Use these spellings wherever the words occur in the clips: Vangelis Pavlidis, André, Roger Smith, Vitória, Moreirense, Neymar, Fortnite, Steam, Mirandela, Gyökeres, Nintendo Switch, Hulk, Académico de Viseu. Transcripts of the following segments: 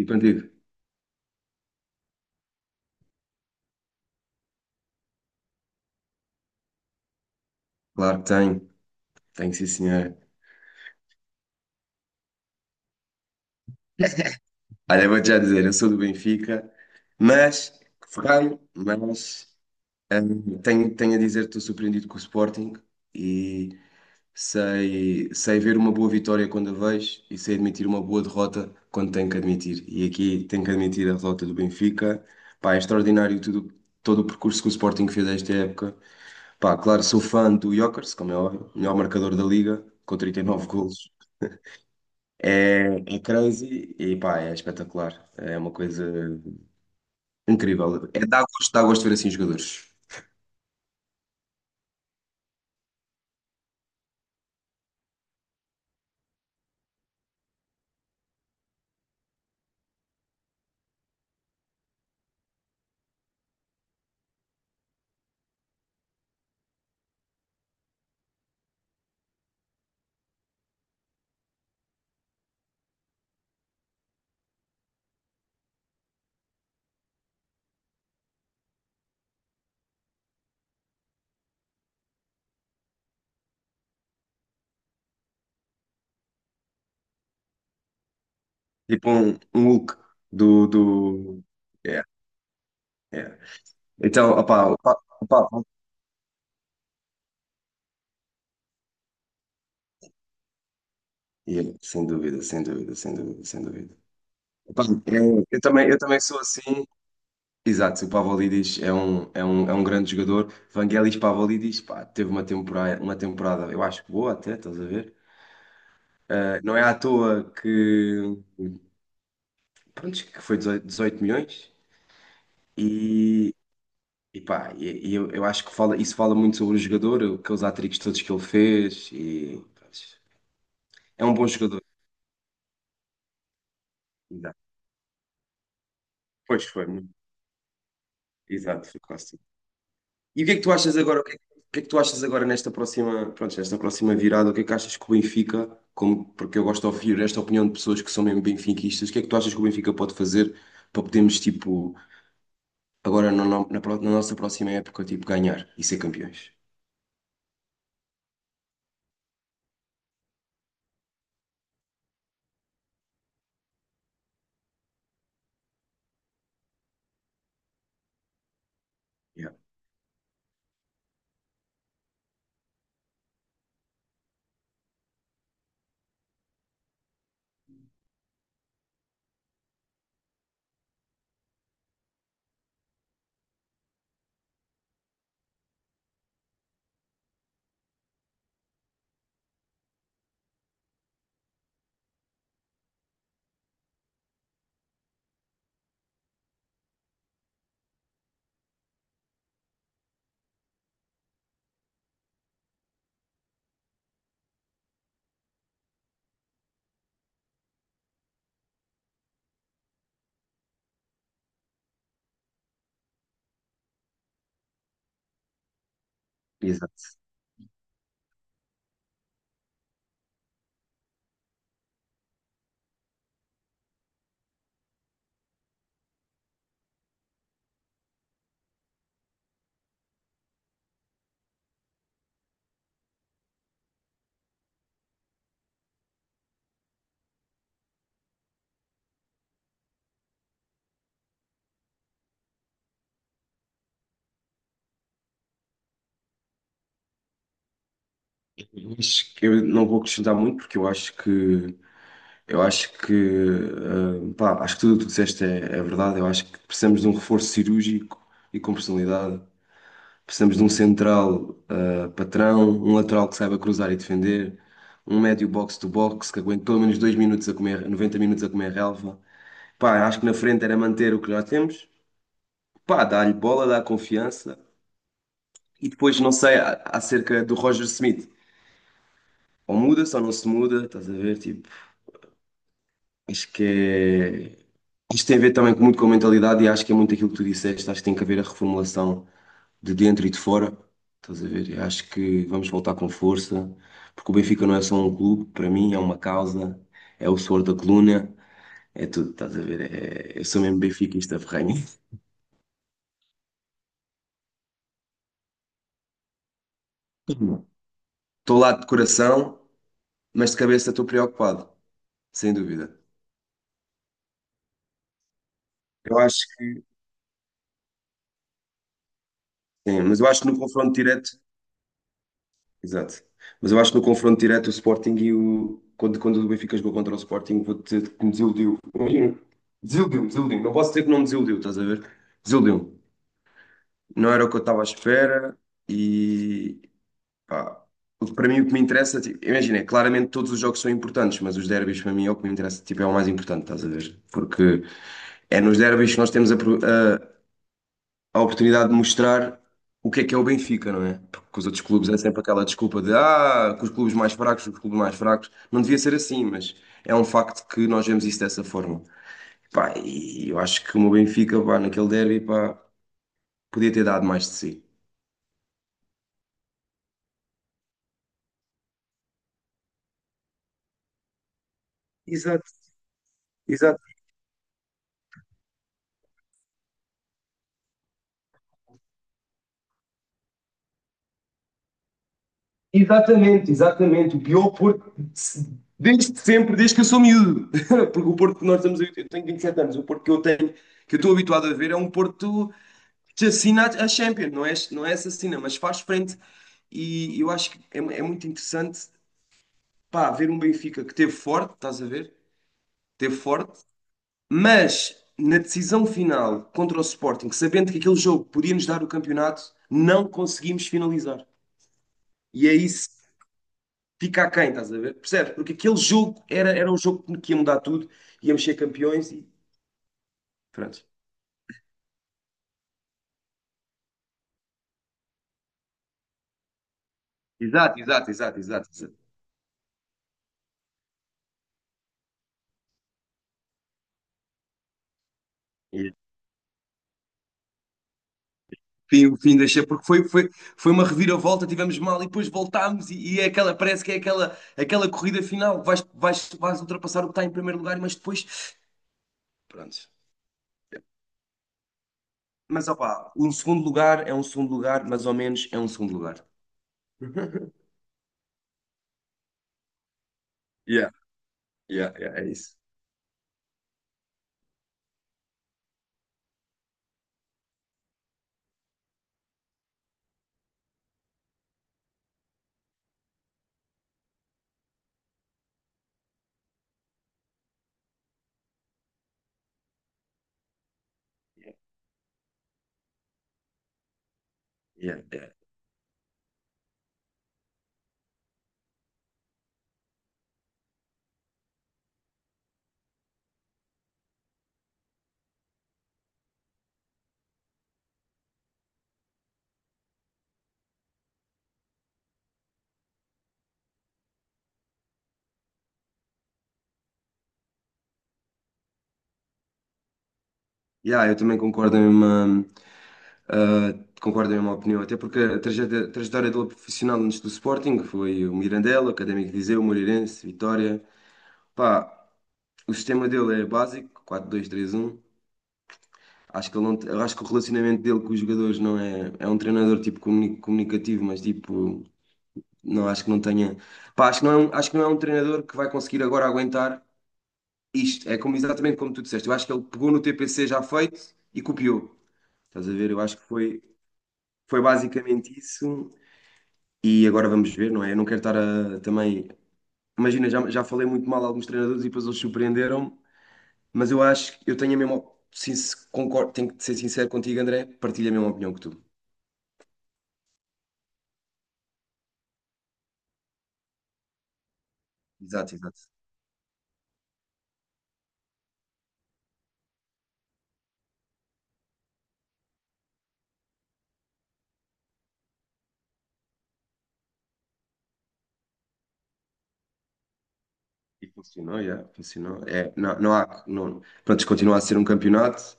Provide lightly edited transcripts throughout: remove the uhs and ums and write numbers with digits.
E contigo? Claro que tenho, tenho sim senhora. Olha, vou-te já dizer, eu sou do Benfica, mas, ferrei, mas tenho a dizer que estou surpreendido com o Sporting e sei ver uma boa vitória quando a vejo e sei admitir uma boa derrota quando tenho que admitir. E aqui tenho que admitir a derrota do Benfica. Pá, é extraordinário tudo, todo o percurso que o Sporting fez esta época. Pá, claro, sou fã do Gyökeres, como é óbvio, melhor marcador da Liga, com 39 golos. É crazy e pá, é espetacular. É uma coisa incrível. É dá gosto de ver assim jogadores. Tipo um Hulk do... É, é. Então, opá, opá, opá. Yeah, sem dúvida, sem dúvida, sem dúvida, sem dúvida. Opá, eu também sou assim. Exato, o Pavlidis é um grande jogador. Vangelis Pavlidis, pá, teve uma temporada, eu acho que boa até, estás a ver? Não é à toa que, pronto, que foi 18 18 milhões. E E pá, e eu acho que fala, isso fala muito sobre o jogador, aqueles hat-tricks todos que ele fez. E, pá, é um bom jogador. Exato. Pois foi, muito. Exato, foi quase. E o que é que tu achas agora? O que é que tu achas agora nesta próxima, pronto, nesta próxima virada? O que é que achas que o Benfica, como, porque eu gosto de ouvir esta opinião de pessoas que são mesmo benfiquistas, o que é que tu achas que o Benfica pode fazer para podermos, tipo, agora na, no- na, pro- na nossa próxima época, tipo, ganhar e ser campeões? Yeah. Exato. Eu acho que eu não vou acrescentar muito porque eu acho que, pá, acho que tudo o que tu disseste é, é verdade. Eu acho que precisamos de um reforço cirúrgico e com personalidade. Precisamos de um central, patrão, um lateral que saiba cruzar e defender, um médio box-to-box que aguente pelo menos 2 minutos a comer, 90 minutos a comer relva. Pá, acho que na frente era manter o que já temos. Pá, dá-lhe bola, dá confiança. E depois, não sei, acerca do Roger Smith. Ou muda-se ou não se muda, estás a ver? Tipo, acho que é... Isto tem a ver também muito com a mentalidade e acho que é muito aquilo que tu disseste. Acho que tem que haver a reformulação de dentro e de fora. Estás a ver? Eu acho que vamos voltar com força, porque o Benfica não é só um clube, para mim é uma causa, é o suor da coluna, é tudo, estás a ver? É... Eu sou mesmo benfiquista ferrenho. Estou lá de coração, mas de cabeça estou preocupado, sem dúvida. Eu acho que. Sim, mas eu acho que no confronto direto. Exato. Mas eu acho que no confronto direto o Sporting e o. Quando, quando o Benfica jogou contra o Sporting, vou dizer que me desiludiu. Imagina, desiludiu, desiludiu. Não posso dizer que não me desiludiu, estás a ver? Desiludiu. Não era o que eu estava à espera e. Pá, para mim o que me interessa, tipo, imagina, é, claramente todos os jogos são importantes, mas os derbys para mim é o que me interessa, tipo, é o mais importante, estás a ver? Porque é nos derbys que nós temos a oportunidade de mostrar o que é o Benfica, não é? Porque com os outros clubes é sempre aquela desculpa de ah, com os clubes mais fracos, os clubes mais fracos. Não devia ser assim, mas é um facto que nós vemos isso dessa forma. Pá, e eu acho que o meu Benfica, pá, naquele derby, pá, podia ter dado mais de si. Exato, exato. Exatamente, exatamente. O pior Porto desde sempre, desde que eu sou miúdo. Porque o Porto que nós estamos a eu tenho 27 anos, o Porto que eu tenho, que eu estou habituado a ver, é um Porto te assina a Champions, não é, não é assassina, mas faz frente. E eu acho que é, é muito interessante, pá, ver um Benfica que teve forte, estás a ver? Teve forte, mas na decisão final contra o Sporting, sabendo que aquele jogo podia nos dar o campeonato, não conseguimos finalizar. E é isso que fica aquém, estás a ver? Percebes? Porque aquele jogo era um jogo que ia mudar tudo, íamos ser campeões e pronto. Exato, exato, exato, exato, exato. Fim, o fim deixei, porque foi uma reviravolta, tivemos mal e depois voltámos e é aquela, parece que é aquela corrida final, vais ultrapassar o que está em primeiro lugar, mas depois, pronto. Mas opá, um segundo lugar é um segundo lugar, mais ou menos é um segundo lugar. Yeah, yeah, yeah, é isso. Yeah, yeah. Yeah, yeah, eu também concordo em uma opinião, até porque a trajetória dele profissional antes do Sporting foi o Mirandela, o Académico de Viseu, o Moreirense, Vitória. Pá, o sistema dele é básico, 4-2-3-1. Acho que, ele não, eu acho que o relacionamento dele com os jogadores não é. É um treinador tipo comunicativo, mas tipo, não acho que não tenha. Pá, acho que não é um, acho que não é um, treinador que vai conseguir agora aguentar isto. É como, exatamente como tu disseste. Eu acho que ele pegou no TPC já feito e copiou. Estás a ver? Eu acho que foi basicamente isso. E agora vamos ver, não é? Eu não quero estar a, também. Imagina, já falei muito mal a alguns treinadores e depois eles surpreenderam-me. Mas eu acho que eu tenho a mesma. Sim, se concordo, tenho que ser sincero contigo, André, partilho a mesma opinião que tu. Exato, exato. E funcionou, já, funcionou. É, não, não há. Não, pronto, isto continua a ser um campeonato,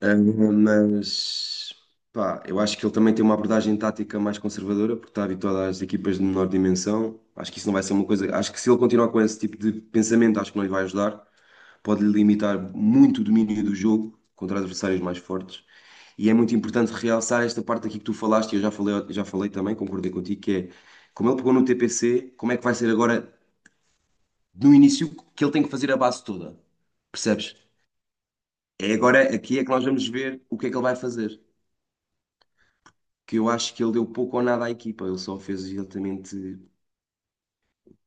ah, mas. Pá, eu acho que ele também tem uma abordagem tática mais conservadora, porque está habituado às equipas de menor dimensão. Acho que isso não vai ser uma coisa. Acho que se ele continuar com esse tipo de pensamento, acho que não lhe vai ajudar. Pode lhe limitar muito o domínio do jogo contra adversários mais fortes. E é muito importante realçar esta parte aqui que tu falaste, e eu já falei também, concordei contigo, que é como ele pegou no TPC, como é que vai ser agora no início que ele tem que fazer a base toda? Percebes? É agora aqui é que nós vamos ver o que é que ele vai fazer. Que eu acho que ele deu pouco ou nada à equipa, ele só fez exatamente,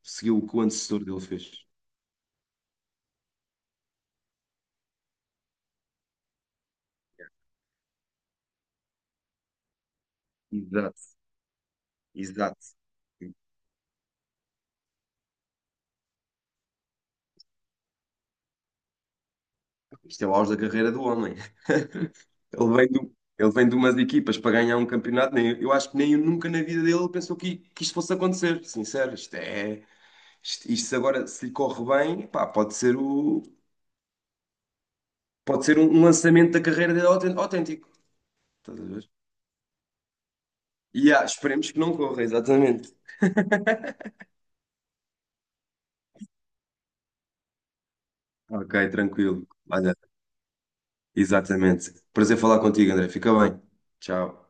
seguiu o que o antecessor dele fez. Exato, exato. Isto é o auge da carreira do homem. Ele vem de umas equipas para ganhar um campeonato. Nem, eu acho que nem nunca na vida dele pensou que isto fosse acontecer. Sincero, isto é. Isto agora, se lhe corre bem, pá, pode ser o, pode ser um, um lançamento da carreira dele autêntico. Estás a ver? E ah, esperemos que não corra, exatamente. Ok, tranquilo. Olha, exatamente. Prazer falar contigo, André. Fica bem. Tchau.